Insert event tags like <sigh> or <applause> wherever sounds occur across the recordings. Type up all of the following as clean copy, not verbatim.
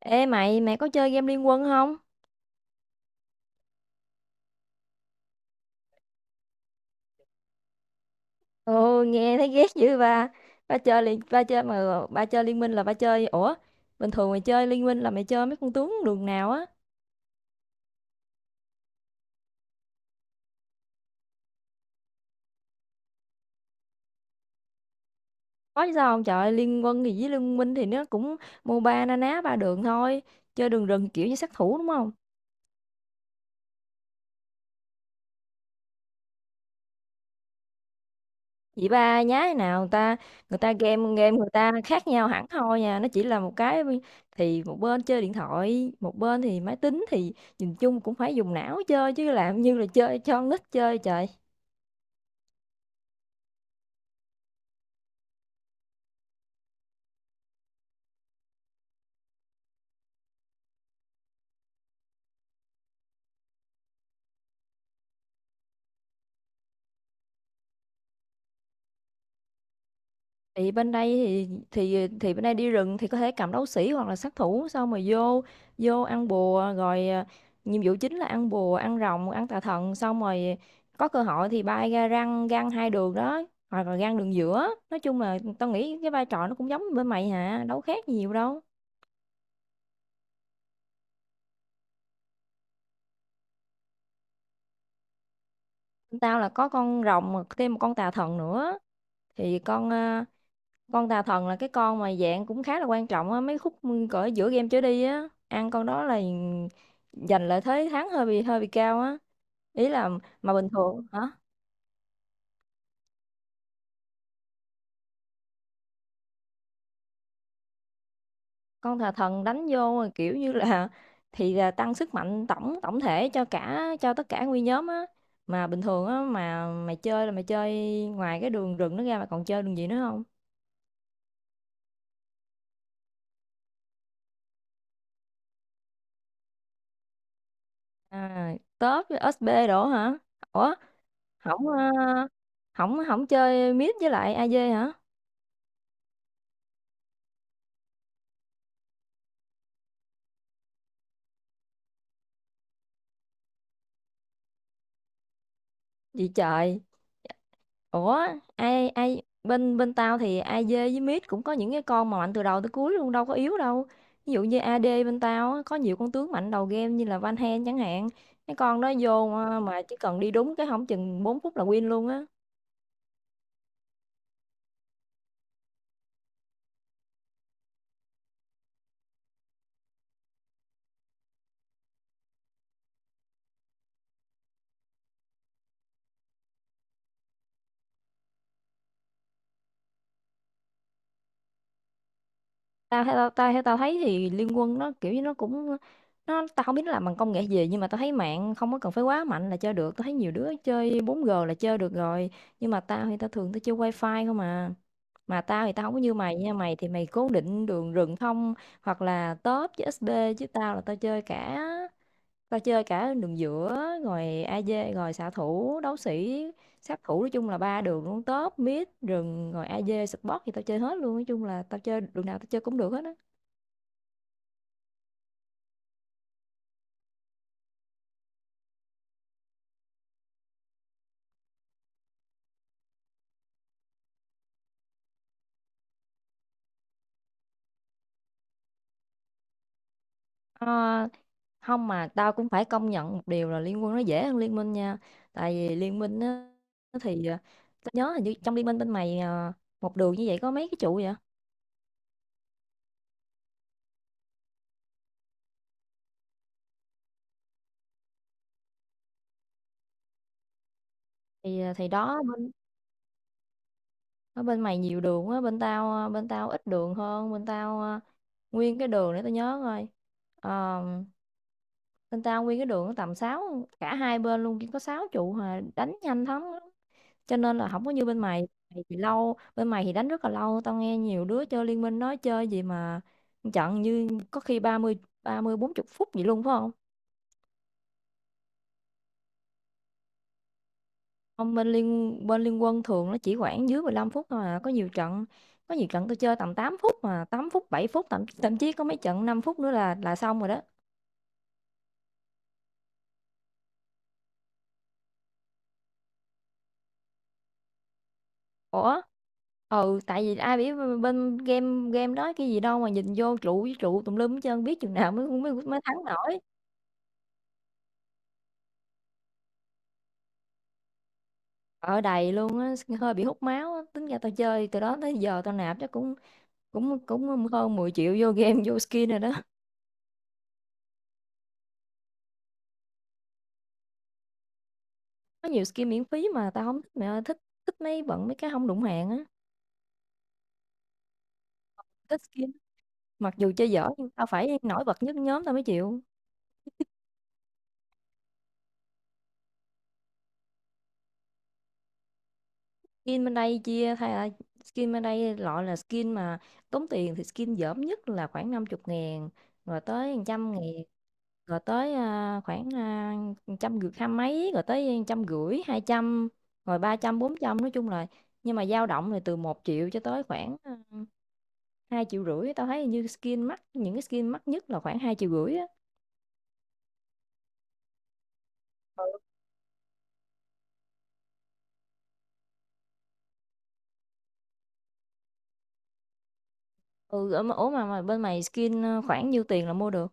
Ê mày có chơi game Liên Quân không? Ồ, nghe thấy ghét dữ ba. Ba chơi liên ba chơi mà ba chơi Liên Minh là ba chơi. Ủa, bình thường mày chơi Liên Minh là mày chơi mấy con tướng đường nào á? Có chứ sao không? Trời ơi, Liên Quân thì với Liên Minh thì nó cũng MOBA na ná ba đường thôi. Chơi đường rừng kiểu như sát thủ đúng không? Vậy ba nhái nào người ta game game người ta khác nhau hẳn thôi nha, nó chỉ là một cái thì một bên chơi điện thoại, một bên thì máy tính thì nhìn chung cũng phải dùng não chơi chứ làm như là chơi cho con nít chơi trời. Thì bên đây đi rừng thì có thể cầm đấu sĩ hoặc là sát thủ, xong mà vô vô ăn bùa rồi à, nhiệm vụ chính là ăn bùa ăn rồng ăn tà thần xong rồi có cơ hội thì bay ra răng gan hai đường đó hoặc là gan đường giữa, nói chung là tao nghĩ cái vai trò nó cũng giống như bên mày hả, đâu khác gì nhiều đâu. Bên tao là có con rồng mà thêm một con tà thần nữa thì con tà thần là cái con mà dạng cũng khá là quan trọng á, mấy khúc cỡ giữa game trở đi á, ăn con đó là giành lợi thế thắng hơi bị cao á, ý là mà bình thường hả, con tà thần đánh vô mà kiểu như là <laughs> thì là tăng sức mạnh tổng tổng thể cho tất cả nguyên nhóm á. Mà bình thường á mà mày chơi là mày chơi ngoài cái đường rừng nó ra mà còn chơi đường gì nữa không? À, tớp với SB đổ hả? Ủa, không ờ, không không chơi mid với lại AD hả? Gì trời, ủa ai ai bên bên tao thì AD với mid cũng có những cái con mà mạnh từ đầu tới cuối luôn, đâu có yếu đâu. Ví dụ như AD bên tao á, có nhiều con tướng mạnh đầu game như là Van Hen chẳng hạn. Cái con đó vô mà chỉ cần đi đúng cái, không chừng 4 phút là win luôn á. Tao theo tao thấy thì Liên Quân nó kiểu như nó cũng tao không biết nó làm bằng công nghệ gì nhưng mà tao thấy mạng không có cần phải quá mạnh là chơi được, tao thấy nhiều đứa chơi 4G là chơi được rồi. Nhưng mà tao thì tao thường tao chơi wifi không à. Mà tao thì tao không có như mày nha, mày thì mày cố định đường rừng thông hoặc là top với SD, chứ tao là tao chơi cả, đường giữa rồi AD rồi xạ thủ đấu sĩ sát thủ, nói chung là ba đường luôn top mid rừng rồi AD support thì tao chơi hết luôn, nói chung là tao chơi đường nào tao chơi cũng được hết á. Ờ, không mà tao cũng phải công nhận một điều là Liên Quân nó dễ hơn Liên Minh nha. Tại vì Liên Minh á thì tao nhớ hình như trong Liên Minh bên mày một đường như vậy có mấy cái trụ vậy? Thì đó, ở bên mày nhiều đường á, bên tao bên tao ít đường hơn. Bên tao à, nguyên cái đường để tao nhớ coi. Ờ, bên tao nguyên cái đường nó tầm sáu, cả hai bên luôn chỉ có 6 trụ hà, đánh nhanh thắng lắm. Cho nên là không có như bên mày. Mày thì lâu, bên mày thì đánh rất là lâu, tao nghe nhiều đứa chơi Liên Minh nói chơi gì mà trận như có khi ba ba mươi bốn 40 phút gì luôn phải không? Không, bên liên quân thường nó chỉ khoảng dưới 15 phút thôi à. Có nhiều trận tôi chơi tầm 8 phút mà, 8 phút 7 phút, thậm thậm chí có mấy trận 5 phút nữa là xong rồi đó. Ủa? Ừ, tại vì ai biết bên game game đó cái gì đâu mà nhìn vô trụ với trụ tùm lum hết trơn, biết chừng nào mới mới mới thắng nổi. Ở đầy luôn á, hơi bị hút máu á. Tính ra tao chơi từ đó tới giờ tao nạp chắc cũng cũng cũng hơn 10 triệu vô game vô skin rồi đó. Có nhiều skin miễn phí mà tao không thích, mẹ ơi, thích thích mấy cái không đụng hàng á. Thích skin mặc dù chơi dở nhưng tao phải nổi bật nhất nhóm tao mới chịu. skin bên đây chia thay là Skin bên đây loại là skin mà tốn tiền thì skin dởm nhất là khoảng 50 ngàn, rồi tới trăm ngàn, rồi tới khoảng trăm rưỡi hai mấy, rồi tới trăm rưỡi hai trăm, rồi ba trăm bốn trăm, nói chung là nhưng mà dao động là từ một triệu cho tới khoảng 2,5 triệu. Tao thấy như skin mắc, những cái skin mắc nhất là khoảng 2,5 triệu á. Ừ, mà bên mày skin khoảng nhiêu tiền là mua được?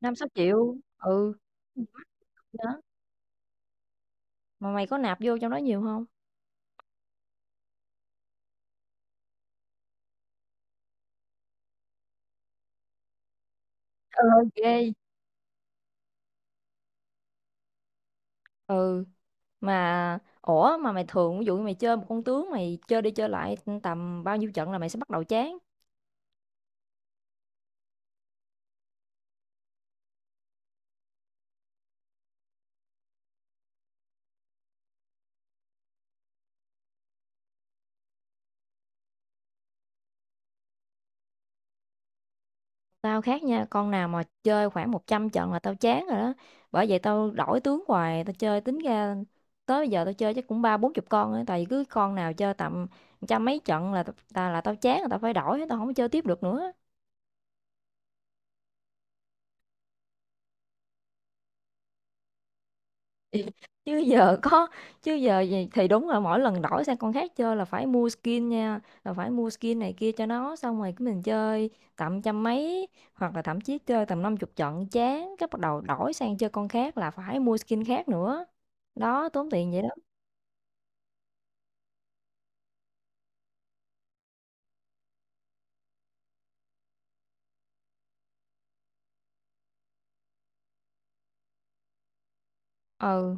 Năm sáu triệu. Ừ, đó. Mà mày có nạp vô trong đó nhiều không? Ừ, ghê. Ừ, mà ủa mà mày thường ví dụ như mày chơi một con tướng mày chơi đi chơi lại tầm bao nhiêu trận là mày sẽ bắt đầu chán? Tao khác nha, con nào mà chơi khoảng 100 trận là tao chán rồi đó. Bởi vậy tao đổi tướng hoài, tao chơi tính ra tới bây giờ tao chơi chắc cũng ba bốn chục con á, tại vì cứ con nào chơi tầm trăm mấy trận là ta là tao chán, là tao phải đổi, tao không có chơi tiếp được nữa. Chứ giờ có chứ giờ gì- thì đúng là mỗi lần đổi sang con khác chơi là phải mua skin nha, là phải mua skin này kia cho nó, xong rồi cái mình chơi tầm trăm mấy hoặc là thậm chí chơi tầm năm chục trận chán, cái bắt đầu đổi sang chơi con khác là phải mua skin khác nữa, đó tốn tiền vậy đó. Ừ,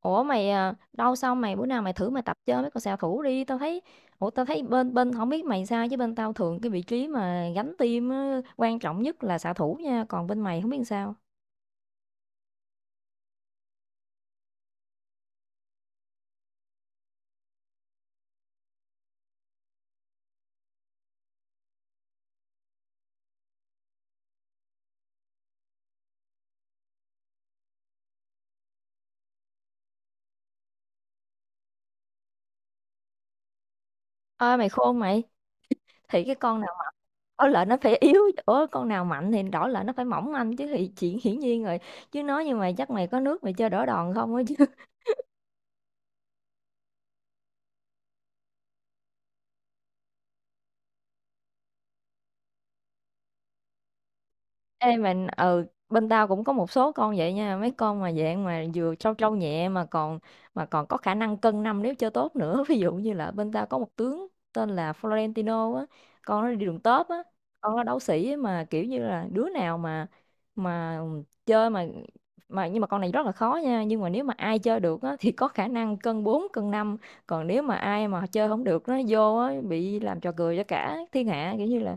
ủa mày đâu xong mày bữa nào mày thử mày tập chơi mấy con xạ thủ đi, tao thấy, ủa tao thấy bên bên không biết mày sao chứ bên tao thường cái vị trí mà gánh team á, quan trọng nhất là xạ thủ nha, còn bên mày không biết sao. Ơi mày khôn mày, thì cái con nào đỏ lợn nó phải yếu <laughs> Ủa, con nào mạnh thì đỏ lợn nó phải mỏng manh chứ, thì chuyện hiển nhiên rồi chứ nói, nhưng mà chắc mày có nước mày chơi đỏ đòn không á chứ. Ê mình, ừ, bên tao cũng có một số con vậy nha, mấy con mà dạng mà vừa trâu trâu nhẹ mà còn có khả năng cân năm nếu chơi tốt nữa <laughs> ví dụ như là bên tao có một tướng tên là Florentino á, con nó đi đường tớp á, con nó đấu sĩ á, mà kiểu như là đứa nào mà chơi mà mà nhưng mà con này rất là khó nha, nhưng mà nếu mà ai chơi được á thì có khả năng cân 4 cân năm. Còn nếu mà ai mà chơi không được nó vô á bị làm trò cười cho cả thiên hạ, kiểu như là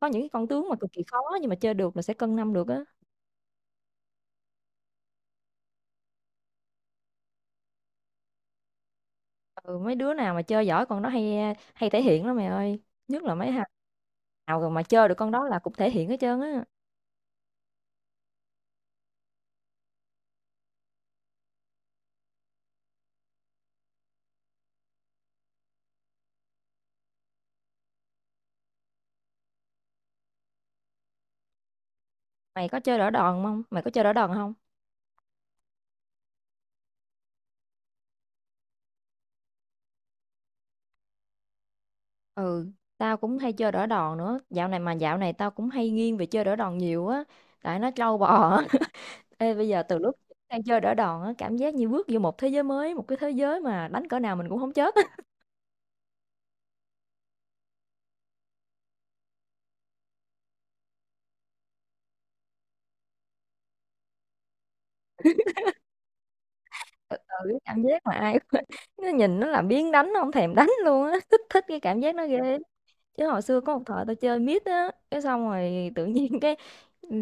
có những cái con tướng mà cực kỳ khó nhưng mà chơi được là sẽ cân năm được á. Ừ, mấy đứa nào mà chơi giỏi con đó hay hay thể hiện lắm mày ơi, nhất là mấy thằng nào rồi mà chơi được con đó là cũng thể hiện hết trơn á. Mày có chơi đỡ đòn không, mày có chơi đỡ đòn không? Ừ, tao cũng hay chơi đỡ đòn nữa dạo này, mà dạo này tao cũng hay nghiêng về chơi đỡ đòn nhiều á, tại nó trâu bò á <laughs> Ê bây giờ từ lúc sang chơi đỡ đòn á cảm giác như bước vô một thế giới mới, một cái thế giới mà đánh cỡ nào mình cũng không chết. Cái cảm giác mà ai cũng- <laughs> nó nhìn nó là biếng đánh, nó không thèm đánh luôn á <laughs> thích thích cái cảm giác nó ghê lắm. Chứ hồi xưa có một thời tao chơi mid á cái xong rồi tự nhiên <laughs> cái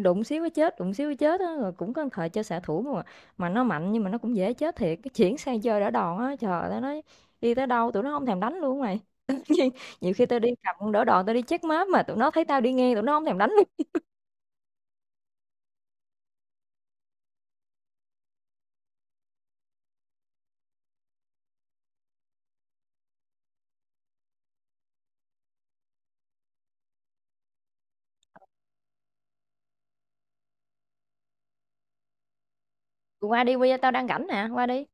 đụng xíu cái chết đụng xíu cái chết á, rồi cũng có một thời chơi xạ thủ mà nó mạnh nhưng mà nó cũng dễ chết thiệt, cái chuyển sang chơi đỡ đòn á, trời tao nói đi tới đâu tụi nó không thèm đánh luôn mày <laughs> nhiều, nhiều khi tao đi cầm con đỡ đòn tao đi check map mà tụi nó thấy tao đi ngang tụi nó không thèm đánh luôn. Tụi qua đi, bây giờ tao đang rảnh nè, qua đi.